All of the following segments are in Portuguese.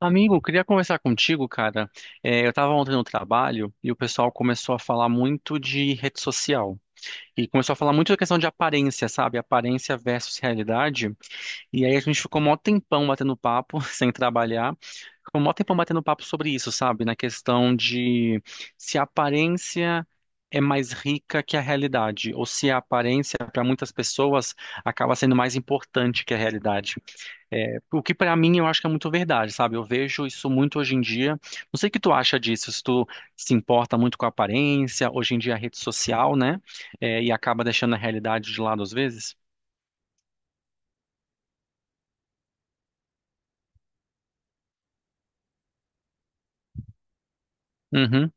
Amigo, queria conversar contigo, cara. É, eu estava ontem no trabalho e o pessoal começou a falar muito de rede social. E começou a falar muito da questão de aparência, sabe? Aparência versus realidade. E aí a gente ficou mó tempão batendo papo, sem trabalhar. Ficou mó tempão batendo papo sobre isso, sabe? Na questão de se a aparência é mais rica que a realidade, ou se a aparência, para muitas pessoas, acaba sendo mais importante que a realidade. É, o que pra mim eu acho que é muito verdade, sabe? Eu vejo isso muito hoje em dia. Não sei o que tu acha disso, se tu se importa muito com a aparência, hoje em dia a rede social, né? É, e acaba deixando a realidade de lado às vezes. Uhum,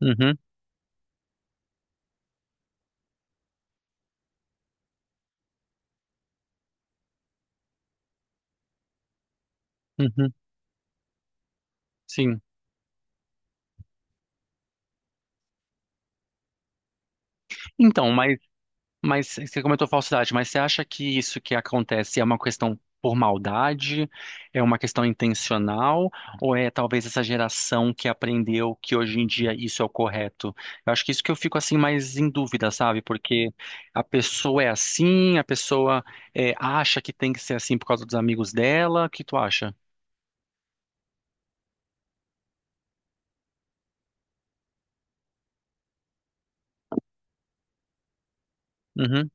uhum, uhum. Sim. Então, mas Mas você comentou falsidade, mas você acha que isso que acontece é uma questão por maldade, é uma questão intencional, ou é talvez essa geração que aprendeu que hoje em dia isso é o correto? Eu acho que isso que eu fico assim mais em dúvida, sabe? Porque a pessoa acha que tem que ser assim por causa dos amigos dela. O que tu acha? Uhum,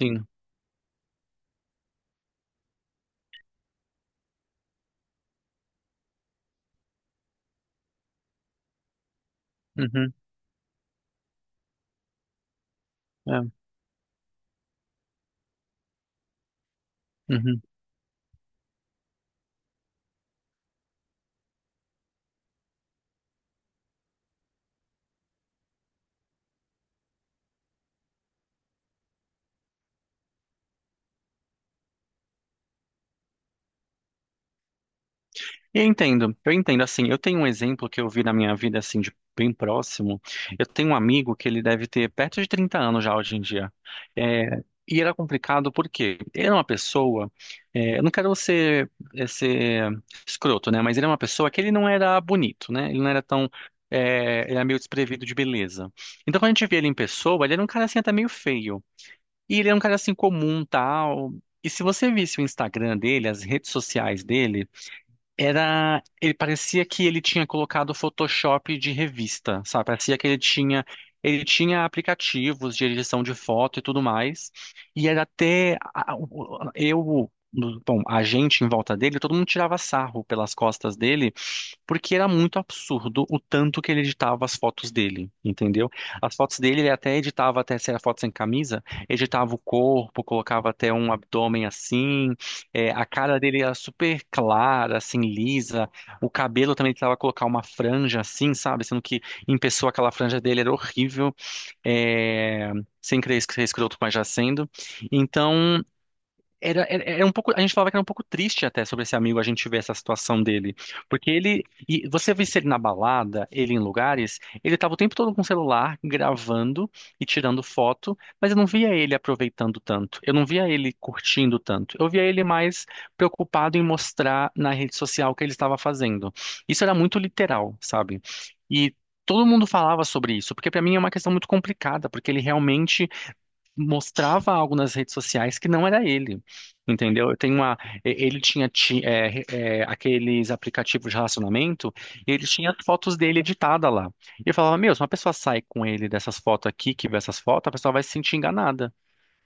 sim. Uhum, é, uhum. Eu entendo, eu entendo. Assim, eu tenho um exemplo que eu vi na minha vida, assim, de bem próximo. Eu tenho um amigo que ele deve ter perto de 30 anos já hoje em dia. É, e era complicado porque ele era uma pessoa. Eu não quero ser, ser escroto, né? Mas ele é uma pessoa que ele não era bonito, né? Ele não era tão. Ele era meio desprevido de beleza. Então, quando a gente via ele em pessoa, ele era um cara assim, até meio feio. E ele era um cara assim comum, tal. E se você visse o Instagram dele, as redes sociais dele. Era, ele parecia que ele tinha colocado Photoshop de revista, sabe? Parecia que ele tinha aplicativos de edição de foto e tudo mais. E era até a- o- eu, bom, a gente em volta dele, todo mundo tirava sarro pelas costas dele porque era muito absurdo o tanto que ele editava as fotos dele, entendeu? As fotos dele, ele até editava, até se era foto sem camisa, editava o corpo, colocava até um abdômen assim, a cara dele era super clara, assim, lisa, o cabelo também ele tentava colocar uma franja assim, sabe? Sendo que em pessoa aquela franja dele era horrível, é, sem querer ser escroto, mas já sendo. Então. Era um pouco, a gente falava que era um pouco triste até sobre esse amigo, a gente ver essa situação dele. Porque ele, e você visse ele na balada, ele em lugares, ele tava o tempo todo com o celular, gravando e tirando foto, mas eu não via ele aproveitando tanto, eu não via ele curtindo tanto, eu via ele mais preocupado em mostrar na rede social o que ele estava fazendo. Isso era muito literal, sabe? E todo mundo falava sobre isso, porque para mim é uma questão muito complicada, porque ele realmente mostrava algo nas redes sociais que não era ele, entendeu? Eu tenho uma, e- ele tinha ti- é, é, Aqueles aplicativos de relacionamento e ele tinha as fotos dele editada lá. E eu falava, meu, se uma pessoa sai com ele dessas fotos aqui, que vê essas fotos, a pessoa vai se sentir enganada,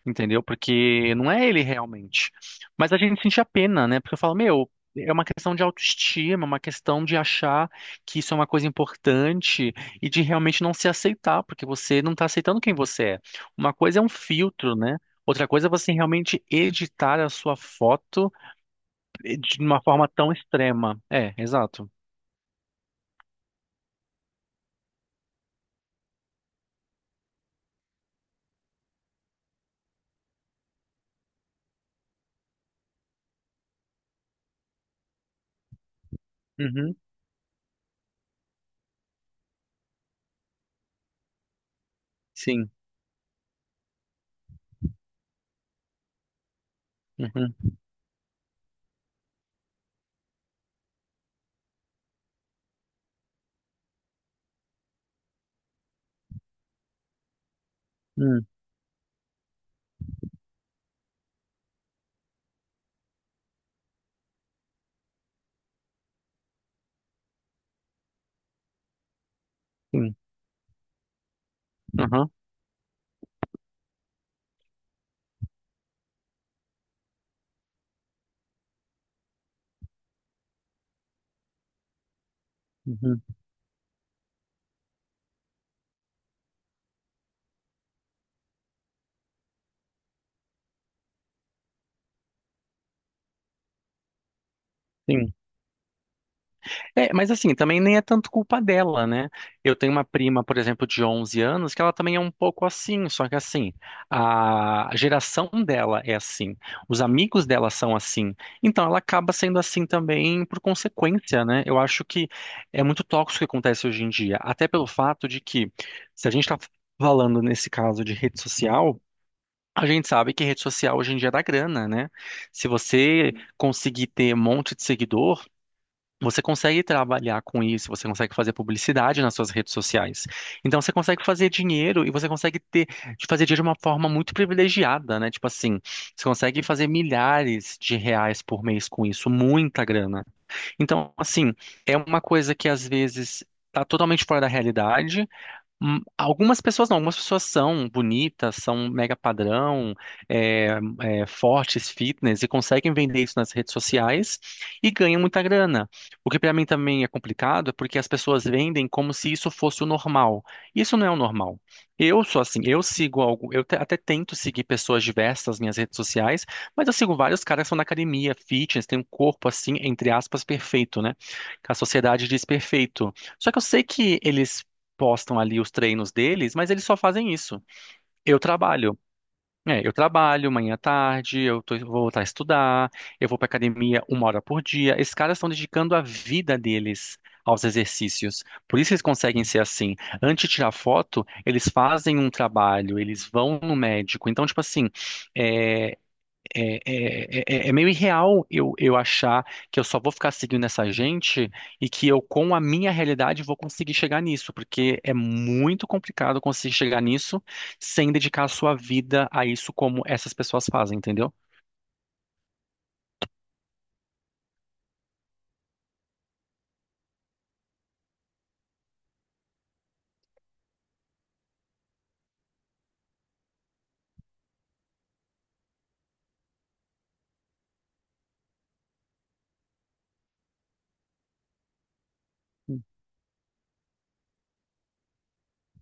entendeu? Porque não é ele realmente. Mas a gente sente a pena, né? Porque eu falo, meu, é uma questão de autoestima, é uma questão de achar que isso é uma coisa importante e de realmente não se aceitar, porque você não está aceitando quem você é. Uma coisa é um filtro, né? Outra coisa é você realmente editar a sua foto de uma forma tão extrema. É, exato. Uhum, sim. Uhum, hum, sim. Uhum, uhum, sim. É, mas assim, também nem é tanto culpa dela, né? Eu tenho uma prima, por exemplo, de 11 anos, que ela também é um pouco assim, só que assim, a geração dela é assim, os amigos dela são assim, então ela acaba sendo assim também por consequência, né? Eu acho que é muito tóxico o que acontece hoje em dia, até pelo fato de que, se a gente está falando nesse caso de rede social, a gente sabe que rede social hoje em dia dá grana, né? Se você conseguir ter um monte de seguidor, você consegue trabalhar com isso, você consegue fazer publicidade nas suas redes sociais. Então você consegue fazer dinheiro e você consegue ter, de fazer dinheiro de uma forma muito privilegiada, né? Tipo assim, você consegue fazer milhares de reais por mês com isso, muita grana. Então, assim, é uma coisa que às vezes tá totalmente fora da realidade. Algumas pessoas não, algumas pessoas são bonitas, são mega padrão, é, fortes, fitness, e conseguem vender isso nas redes sociais e ganham muita grana. O que para mim também é complicado é porque as pessoas vendem como se isso fosse o normal. Isso não é o normal. Eu sou assim, eu sigo algo, até tento seguir pessoas diversas nas minhas redes sociais, mas eu sigo vários caras que são da academia, fitness, tem um corpo assim, entre aspas, perfeito, né? Que a sociedade diz perfeito. Só que eu sei que eles postam ali os treinos deles, mas eles só fazem isso. Eu trabalho. É, eu trabalho manhã à tarde, vou voltar a estudar, eu vou pra academia 1 hora por dia. Esses caras estão dedicando a vida deles aos exercícios. Por isso eles conseguem ser assim. Antes de tirar foto, eles fazem um trabalho, eles vão no médico. Então, tipo assim, eh, é meio irreal eu achar que eu só vou ficar seguindo essa gente e que eu, com a minha realidade, vou conseguir chegar nisso, porque é muito complicado conseguir chegar nisso sem dedicar a sua vida a isso como essas pessoas fazem, entendeu?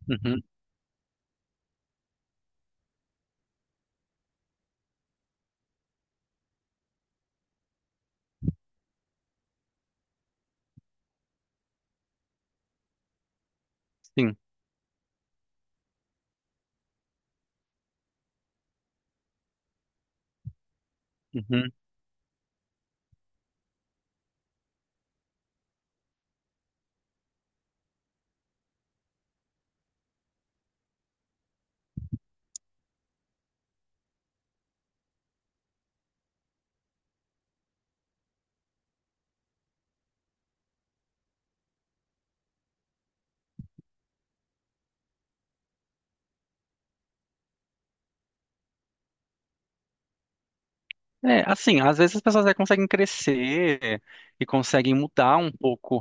Uhum, sim. Uhum. É, assim, às vezes as pessoas até conseguem crescer e conseguem mudar um pouco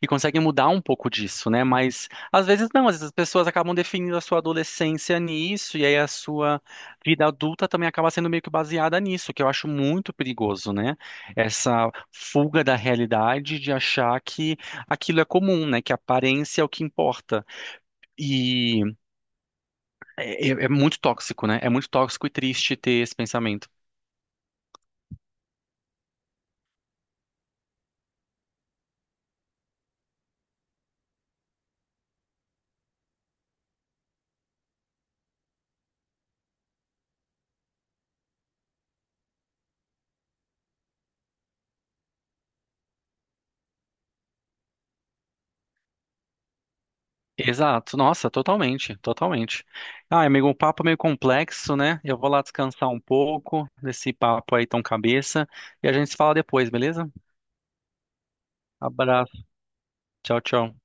e conseguem mudar um pouco disso, né? Mas às vezes não, às vezes as pessoas acabam definindo a sua adolescência nisso, e aí a sua vida adulta também acaba sendo meio que baseada nisso, que eu acho muito perigoso, né? Essa fuga da realidade de achar que aquilo é comum, né? Que a aparência é o que importa. E é muito tóxico, né? É muito tóxico e triste ter esse pensamento. Exato, nossa, totalmente, totalmente. Ah, amigo, um papo é meio complexo, né? Eu vou lá descansar um pouco desse papo aí tão cabeça e a gente se fala depois, beleza? Abraço, tchau, tchau.